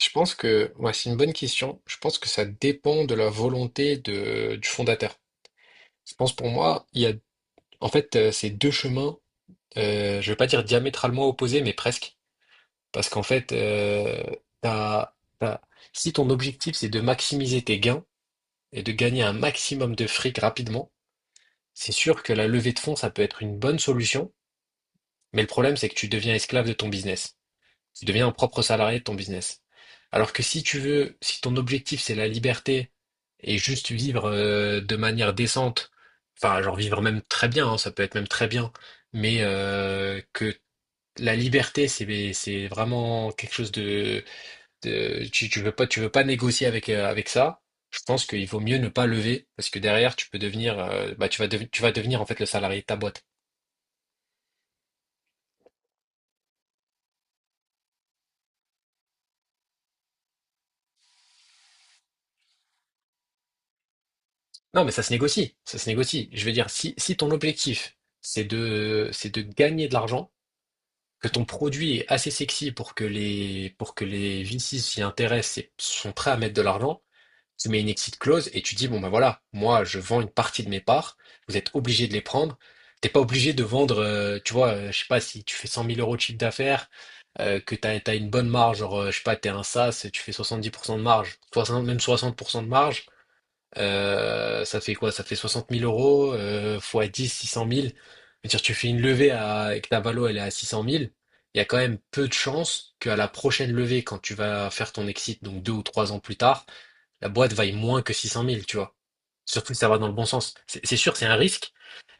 Je pense que ouais, c'est une bonne question. Je pense que ça dépend de la volonté du fondateur. Je pense pour moi, il y a en fait c'est deux chemins, je vais pas dire diamétralement opposés, mais presque. Parce qu'en fait, t'as- t'as- Si ton objectif c'est de maximiser tes gains et de gagner un maximum de fric rapidement, c'est sûr que la levée de fonds, ça peut être une bonne solution. Mais le problème, c'est que tu deviens esclave de ton business. Tu deviens un propre salarié de ton business. Alors que si tu veux, si ton objectif c'est la liberté et juste vivre de manière décente, enfin genre vivre même très bien, hein, ça peut être même très bien, mais que la liberté c'est vraiment quelque chose de, tu veux pas négocier avec avec ça. Je pense qu'il vaut mieux ne pas lever parce que derrière tu peux devenir bah tu vas devenir en fait le salarié de ta boîte. Non, mais ça se négocie, ça se négocie. Je veux dire, si ton objectif, c'est c'est de gagner de l'argent, que ton produit est assez sexy pour que pour que les VC s'y intéressent et sont prêts à mettre de l'argent, tu mets une exit clause et tu dis, bon ben voilà, moi je vends une partie de mes parts, vous êtes obligé de les prendre. T'es pas obligé de vendre, tu vois, je sais pas, si tu fais cent mille euros de chiffre d'affaires, que t'as une bonne marge, genre, je sais pas, t'es un SaaS, tu fais 70% de marge, 60 même 60% de marge, ça fait quoi? Ça fait 60 000 euros, fois 10, 600 000. C'est-à-dire, tu fais une levée à, et que ta valo, elle est à 600 000. Il y a quand même peu de chances qu'à la prochaine levée, quand tu vas faire ton exit, donc deux ou trois ans plus tard, la boîte vaille moins que 600 000, tu vois. Surtout si ça va dans le bon sens. C'est sûr, c'est un risque,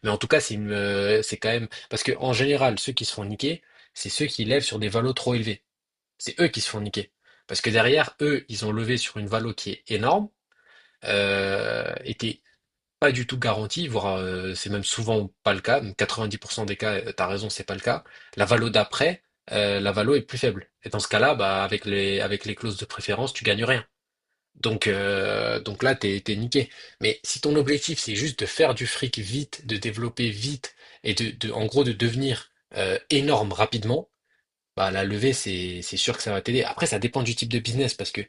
mais en tout cas, c'est quand même, parce que en général, ceux qui se font niquer, c'est ceux qui lèvent sur des valos trop élevés. C'est eux qui se font niquer. Parce que derrière, eux, ils ont levé sur une valo qui est énorme, et t'es pas du tout garanti, voire c'est même souvent pas le cas. Donc 90% des cas, t'as raison, c'est pas le cas. La valo d'après, la valo est plus faible. Et dans ce cas-là, bah avec les clauses de préférence, tu gagnes rien. Donc là, t'es niqué. Mais si ton objectif c'est juste de faire du fric vite, de développer vite et de en gros de devenir énorme rapidement. Bah, la levée, c'est sûr que ça va t'aider. Après, ça dépend du type de business parce que,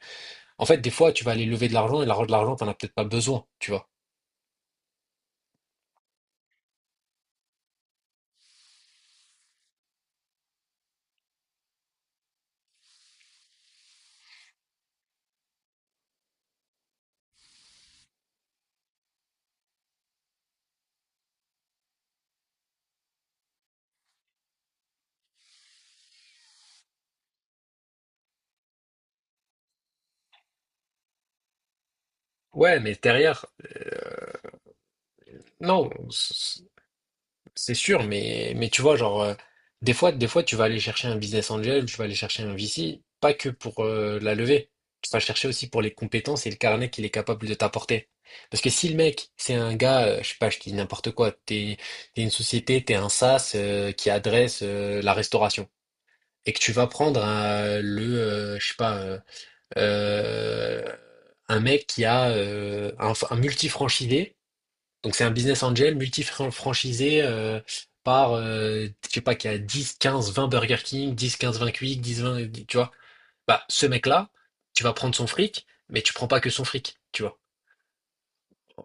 en fait, des fois, tu vas aller lever de l'argent et de l'argent, t'en as peut-être pas besoin, tu vois. Ouais, mais derrière, non, c'est sûr, mais tu vois, genre, des fois, tu vas aller chercher un business angel, tu vas aller chercher un VC, pas que pour la levée. Tu vas le chercher aussi pour les compétences et le carnet qu'il est capable de t'apporter. Parce que si le mec, c'est un gars, je sais pas, je dis n'importe quoi, t'es une société, t'es un SaaS qui adresse la restauration, et que tu vas prendre je sais pas, euh, un mec qui a un multi-franchisé donc c'est un business angel multi-franchisé par, je sais pas, qui a 10, 15, 20 Burger King, 10, 15, 20 Quick, 10, 20, tu vois. Bah, ce mec-là, tu vas prendre son fric, mais tu prends pas que son fric, tu vois.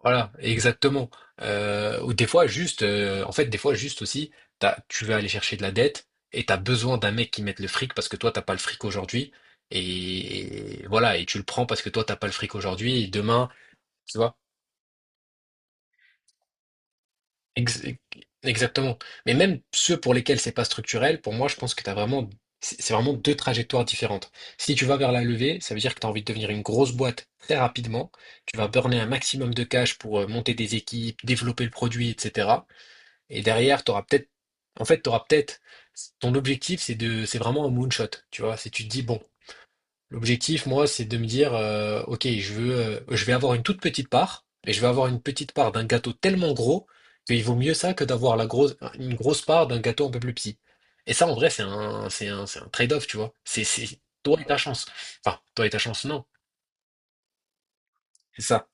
Voilà, exactement. Ou des fois, en fait, des fois, juste aussi, tu vas aller chercher de la dette et t'as besoin d'un mec qui mette le fric parce que toi, t'as pas le fric aujourd'hui. Et voilà, et tu le prends parce que toi, t'as pas le fric aujourd'hui et demain, tu vois. Ex- Exactement. Mais même ceux pour lesquels c'est pas structurel, pour moi, je pense que t'as vraiment, c'est vraiment deux trajectoires différentes. Si tu vas vers la levée, ça veut dire que tu as envie de devenir une grosse boîte très rapidement. Tu vas burner un maximum de cash pour monter des équipes, développer le produit, etc. Et derrière, tu auras peut-être, en fait, tu auras peut-être, ton objectif, c'est de, c'est vraiment un moonshot. Tu vois, si tu te dis, bon, l'objectif, moi, c'est de me dire, ok, je veux, je vais avoir une toute petite part, et je vais avoir une petite part d'un gâteau tellement gros qu'il vaut mieux ça que d'avoir une grosse part d'un gâteau un peu plus petit. Et ça, en vrai, c'est un trade-off, tu vois. C'est toi et ta chance. Enfin, toi et ta chance, non. C'est ça.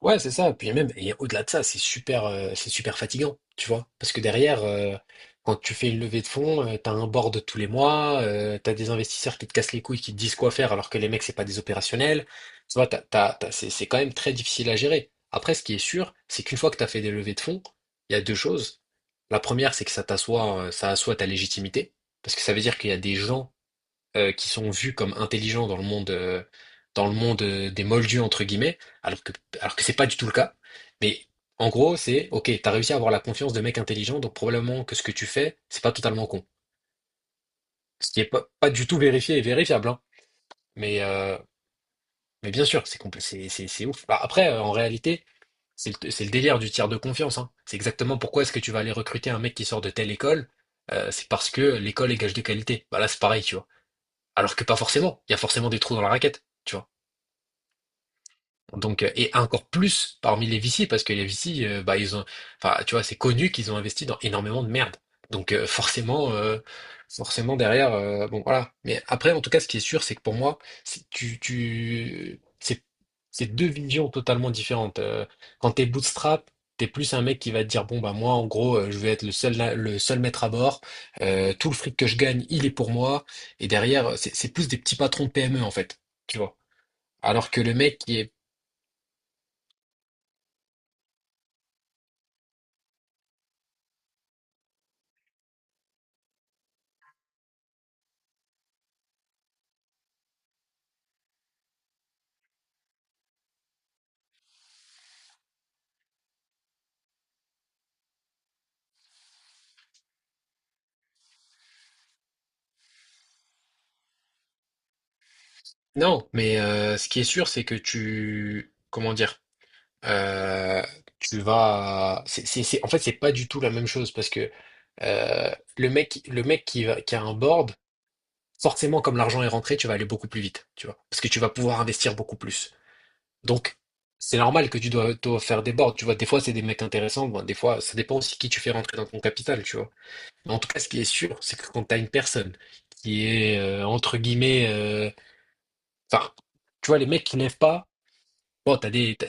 Ouais, c'est ça. Puis même, et au-delà de ça, c'est super fatigant, tu vois. Parce que derrière, quand tu fais une levée de fonds, t'as un board tous les mois, t'as des investisseurs qui te cassent les couilles, qui te disent quoi faire, alors que les mecs, c'est pas des opérationnels. Tu vois, c'est quand même très difficile à gérer. Après, ce qui est sûr, c'est qu'une fois que t'as fait des levées de fonds, il y a deux choses. La première, c'est que ça t'assoit, ça assoit ta légitimité. Parce que ça veut dire qu'il y a des gens qui sont vus comme intelligents dans le monde, dans le monde des moldus, entre guillemets, alors que c'est pas du tout le cas. Mais en gros, c'est, ok, t'as réussi à avoir la confiance de mecs intelligents, donc probablement que ce que tu fais, c'est pas totalement con. Ce qui est pas du tout vérifié et vérifiable, hein. Mais, euh, mais bien sûr, c'est compl- c'est ouf. Bah, après, en réalité, c'est le délire du tiers de confiance, hein. C'est exactement pourquoi est-ce que tu vas aller recruter un mec qui sort de telle école, c'est parce que l'école est gage de qualité. Bah là, c'est pareil, tu vois. Alors que pas forcément. Il y a forcément des trous dans la raquette. Tu vois. Et encore plus parmi les VC, parce que les VC, bah, ils ont, enfin, tu vois, c'est connu qu'ils ont investi dans énormément de merde. Donc forcément derrière, bon, voilà. Mais après, en tout cas, ce qui est sûr, c'est que pour moi, c'est- tu, tu, c'est, c'est deux visions totalement différentes. Quand t'es bootstrap, t'es plus un mec qui va te dire, bon, bah, moi, en gros, je vais être le seul maître à bord. Tout le fric que je gagne, il est pour moi. Et derrière, c'est plus des petits patrons de PME, en fait. Tu vois. Alors que le mec qui est non, mais ce qui est sûr, c'est que tu, comment dire, euh, tu vas, c'est- en fait, c'est pas du tout la même chose parce que euh, le mec qui qui a un board, forcément, comme l'argent est rentré, tu vas aller beaucoup plus vite, tu vois, parce que tu vas pouvoir investir beaucoup plus. Donc, c'est normal que dois faire des boards, tu vois. Des fois, c'est des mecs intéressants, bon, des fois, ça dépend aussi qui tu fais rentrer dans ton capital, tu vois. Mais en tout cas, ce qui est sûr, c'est que quand t'as une personne qui est entre guillemets, enfin, tu vois, les mecs qui lèvent pas. Bon,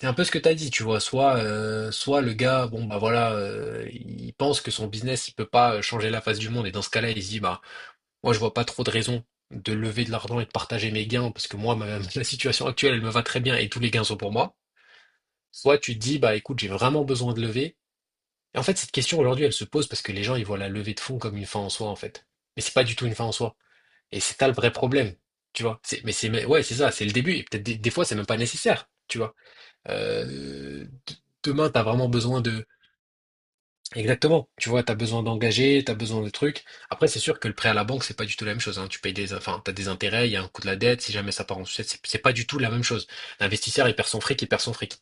c'est un peu ce que t'as dit, tu vois. Soit, soit le gars, bon bah voilà, il pense que son business, il peut pas changer la face du monde, et dans ce cas-là, il se dit, bah, moi, je vois pas trop de raison de lever de l'argent et de partager mes gains, parce que moi, la situation actuelle, elle me va très bien, et tous les gains sont pour moi. Soit tu te dis, bah écoute, j'ai vraiment besoin de lever. Et en fait, cette question aujourd'hui, elle se pose parce que les gens, ils voient la levée de fonds comme une fin en soi, en fait. Mais c'est pas du tout une fin en soi. Et c'est ça le vrai problème, tu vois. Mais ouais, c'est ça, c'est le début. Et peut-être des fois, c'est même pas nécessaire, tu vois. Euh, d- demain, tu as vraiment besoin de... Exactement, tu vois, tu as besoin d'engager, tu as besoin de trucs. Après, c'est sûr que le prêt à la banque, c'est pas du tout la même chose, hein. Tu payes des... Enfin, t'as des intérêts, il y a un coût de la dette, si jamais ça part en sucette, c'est pas du tout la même chose. L'investisseur, il perd son fric, il perd son fric.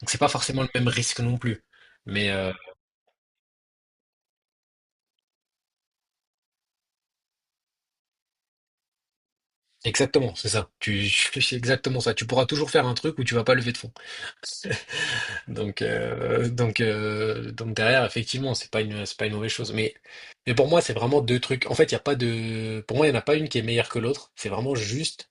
Donc, c'est pas forcément le même risque non plus. Mais euh, exactement, c'est ça. Tu, c'est exactement ça. Tu pourras toujours faire un truc où tu vas pas lever de fonds. Donc derrière, effectivement, c'est pas une mauvaise chose. Mais pour moi, c'est vraiment deux trucs. En fait, il y a pas de, pour moi, il n'y en a pas une qui est meilleure que l'autre. C'est vraiment juste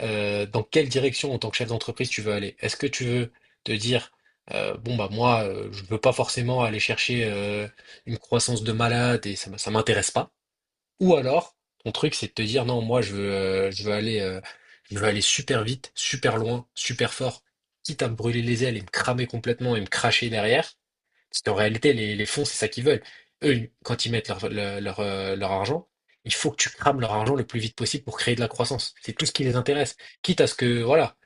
dans quelle direction, en tant que chef d'entreprise, tu veux aller. Est-ce que tu veux te dire, bon bah moi, je veux pas forcément aller chercher une croissance de malade et ça, ça m'intéresse pas. Ou alors, ton truc, c'est de te dire non, moi je veux aller super vite, super loin, super fort, quitte à me brûler les ailes et me cramer complètement et me cracher derrière. Parce qu'en réalité, les fonds, c'est ça qu'ils veulent. Eux, quand ils mettent leur argent, il faut que tu crames leur argent le plus vite possible pour créer de la croissance. C'est tout ce qui les intéresse. Quitte à ce que, voilà,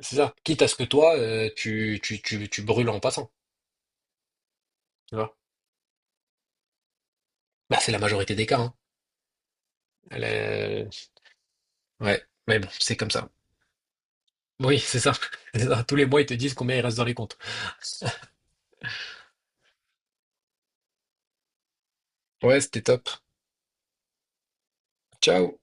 c'est ça. Quitte à ce que toi, tu brûles en passant. Tu vois? Bah, c'est la majorité des cas. Hein. Elle est- Ouais, mais bon, c'est comme ça. Oui, c'est ça. C'est ça. Tous les mois, ils te disent combien il reste dans les comptes. Ouais, c'était top. Ciao.